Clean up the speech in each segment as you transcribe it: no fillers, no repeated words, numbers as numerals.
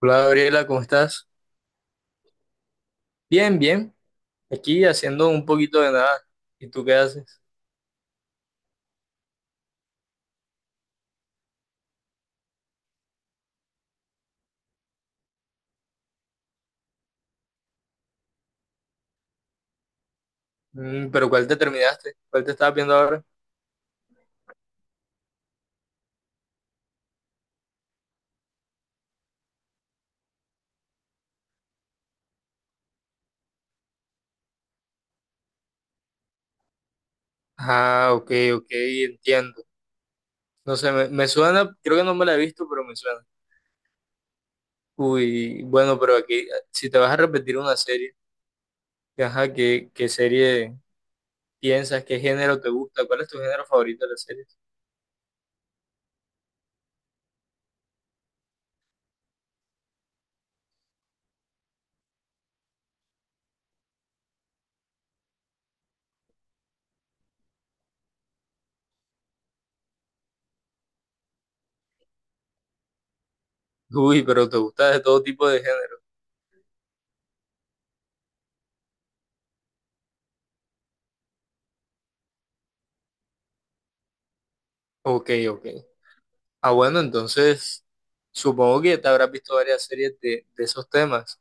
Hola Gabriela, ¿cómo estás? Bien, bien. Aquí haciendo un poquito de nada. ¿Y tú qué haces? Mm, pero ¿cuál te terminaste? ¿Cuál te estabas viendo ahora? Ah, ok, ok, entiendo. No sé, me suena, creo que no me la he visto, pero me suena. Uy, bueno, pero aquí, si te vas a repetir una serie, que, ajá, ¿qué serie piensas? ¿Qué género te gusta? ¿Cuál es tu género favorito de las series? Uy, pero te gusta de todo tipo de género. Ok, ok. Ah, bueno, entonces supongo que te habrás visto varias series de esos temas.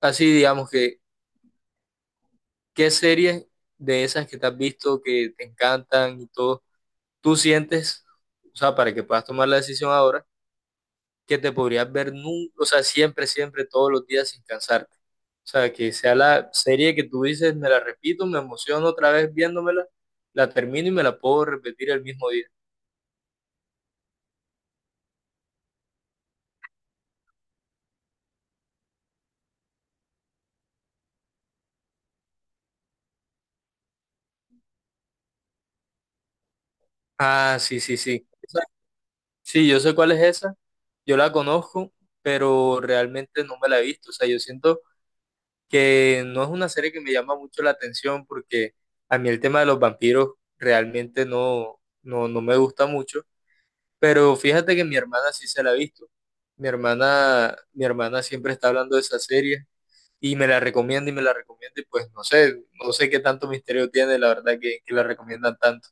Así, digamos que, ¿qué series de esas que te has visto que te encantan y todo, tú sientes, o sea, para que puedas tomar la decisión ahora, que te podrías ver nunca, o sea, siempre, siempre, todos los días sin cansarte? O sea, que sea la serie que tú dices, me la repito, me emociono otra vez viéndomela, la termino y me la puedo repetir el mismo día. Ah, sí, sí, sí. Esa- Sí, yo sé cuál es esa, yo la conozco, pero realmente no me la he visto. O sea, yo siento que no es una serie que me llama mucho la atención porque a mí el tema de los vampiros realmente no, no, no me gusta mucho, pero fíjate que mi hermana sí se la ha visto. Mi hermana siempre está hablando de esa serie y me la recomienda y me la recomienda y pues no sé, no sé qué tanto misterio tiene, la verdad que la recomiendan tanto.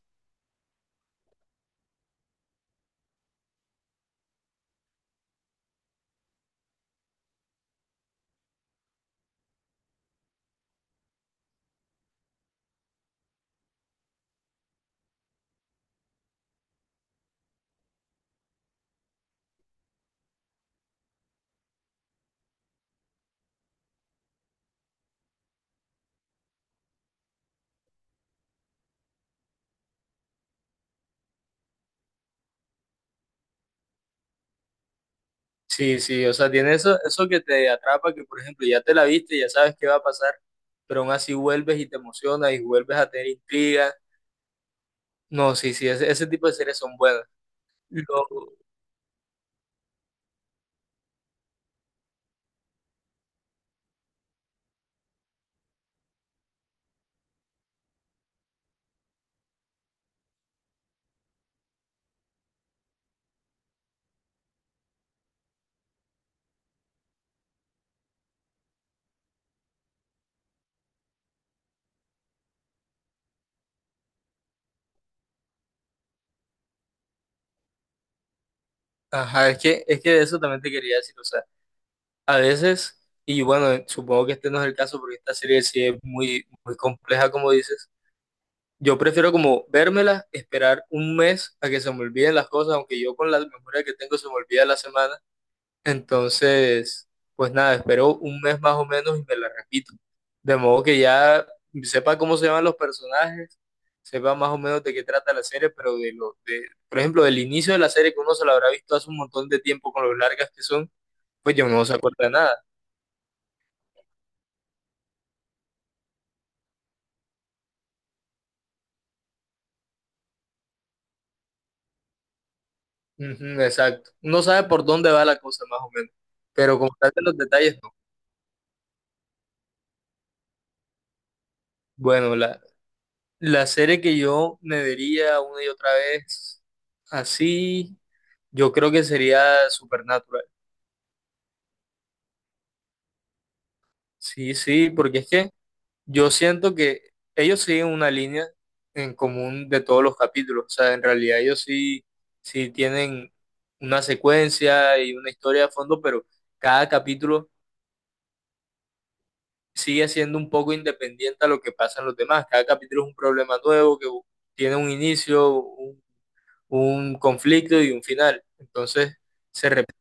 Sí, sí, o sea, tiene eso, eso que te atrapa, que por ejemplo ya te la viste, ya sabes qué va a pasar, pero aún así vuelves y te emocionas y vuelves a tener intriga. No, sí, sí, ese tipo de series son buenas. Lo- ajá, es que de eso también te quería decir, o sea, a veces, y bueno, supongo que este no es el caso porque esta serie sí es muy, muy compleja, como dices. Yo prefiero como vérmela, esperar un mes a que se me olviden las cosas, aunque yo con la memoria que tengo se me olvida la semana. Entonces, pues nada, espero un mes más o menos y me la repito. De modo que ya sepa cómo se llaman los personajes, sepa más o menos de qué trata la serie, pero de lo de, por ejemplo, del inicio de la serie que uno se la habrá visto hace un montón de tiempo con lo largas que son, pues yo no se acuerda de nada. Ujú, exacto. No sabe por dónde va la cosa más o menos, pero como tal de los detalles no. Bueno, la serie que yo me vería una y otra vez así, yo creo que sería Supernatural. Sí, sí, porque es que yo siento que ellos siguen una línea en común de todos los capítulos. O sea, en realidad ellos sí, sí tienen una secuencia y una historia de fondo, pero cada capítulo sigue siendo un poco independiente a lo que pasa en los demás. Cada capítulo es un problema nuevo que tiene un inicio, un conflicto y un final. Entonces, se repite.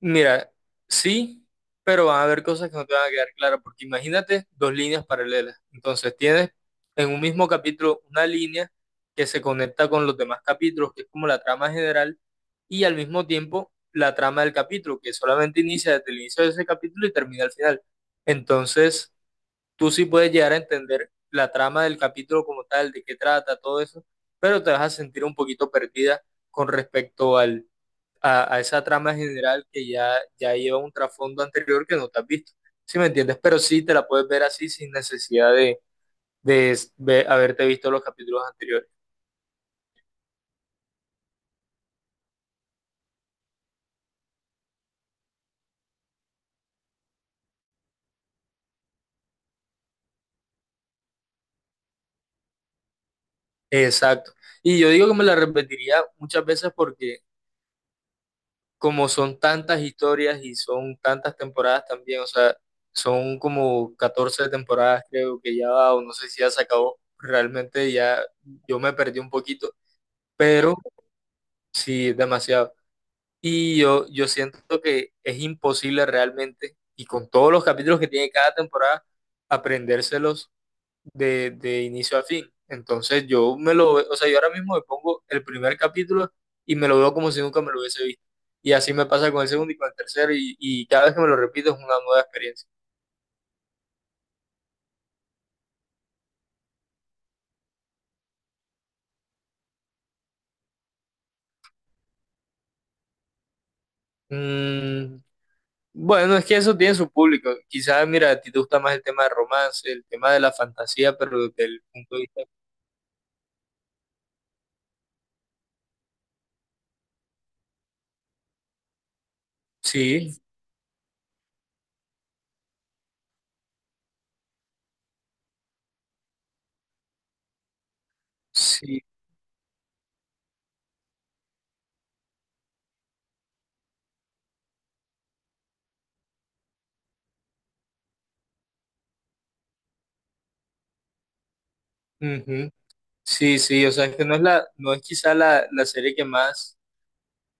Mira, sí, pero van a haber cosas que no te van a quedar claras, porque imagínate dos líneas paralelas. Entonces tienes en un mismo capítulo una línea que se conecta con los demás capítulos, que es como la trama general, y al mismo tiempo la trama del capítulo, que solamente inicia desde el inicio de ese capítulo y termina al final. Entonces tú sí puedes llegar a entender la trama del capítulo como tal, de qué trata, todo eso, pero te vas a sentir un poquito perdida con respecto al a esa trama general que ya, ya lleva un trasfondo anterior que no te has visto. ¿Sí me entiendes? Pero sí te la puedes ver así sin necesidad de s- ve- haberte visto los capítulos anteriores. Exacto. Y yo digo que me la repetiría muchas veces porque como son tantas historias y son tantas temporadas también, o sea, son como 14 temporadas creo que ya va, o no sé si ya se acabó, realmente ya yo me perdí un poquito, pero sí, demasiado. Y yo siento que es imposible realmente, y con todos los capítulos que tiene cada temporada, aprendérselos de inicio a fin. Entonces yo me lo, ve- o sea, yo ahora mismo me pongo el primer capítulo y me lo veo como si nunca me lo hubiese visto. Y así me pasa con el segundo y con el tercero, y cada vez que me lo repito es una nueva experiencia. Mm, bueno, es que eso tiene su público. Quizás, mira, a ti te gusta más el tema de romance, el tema de la fantasía, pero desde el punto de vista... Sí, sí. Ujú. Sí, sí, o sea, es que no es la, no es quizá la, la serie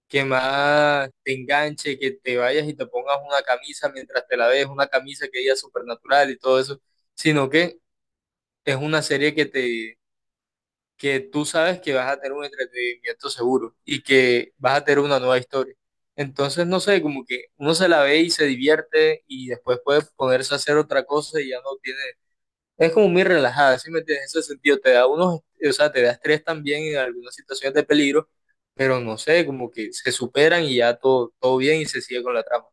que más te enganche, que te vayas y te pongas una camisa mientras te la ves, una camisa que diga supernatural y todo eso, sino que es una serie que te, que tú sabes que vas a tener un entretenimiento seguro y que vas a tener una nueva historia. Entonces, no sé, como que uno se la ve y se divierte y después puede ponerse a hacer otra cosa y ya no tiene, es como muy relajada, ¿sí me entiendes? En ese sentido, te da unos, o sea, te da estrés también en algunas situaciones de peligro, pero no sé, como que se superan y ya todo, todo bien y se sigue con la trama.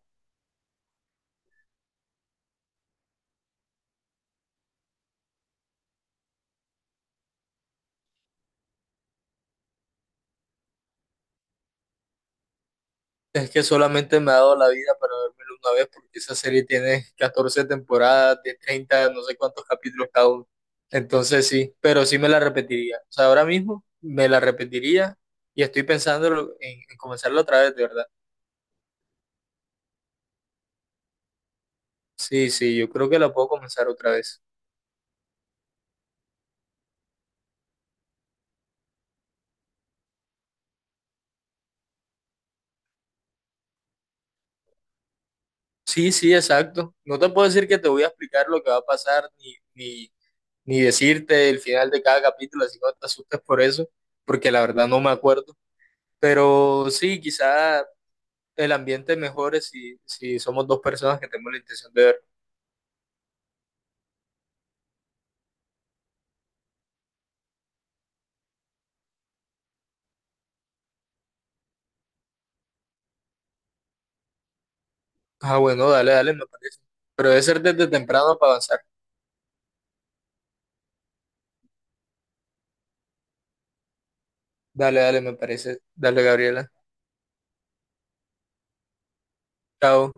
Es que solamente me ha dado la vida para vérmelo una vez, porque esa serie tiene 14 temporadas de 30 no sé cuántos capítulos cada uno. Entonces sí, pero sí me la repetiría. O sea, ahora mismo me la repetiría y estoy pensando en comenzarla otra vez, de verdad. Sí, sí, yo creo que la puedo comenzar otra vez. Sí, sí, exacto. No te puedo decir que te voy a explicar lo que va a pasar, ni, ni, ni decirte el final de cada capítulo, así que no te asustes por eso, porque la verdad no me acuerdo. Pero sí, quizá el ambiente mejore si, si somos dos personas que tenemos la intención de ver. Ah, bueno, dale, dale, me parece. Pero debe ser desde temprano para avanzar. Dale, dale, me parece. Dale, Gabriela. Chao.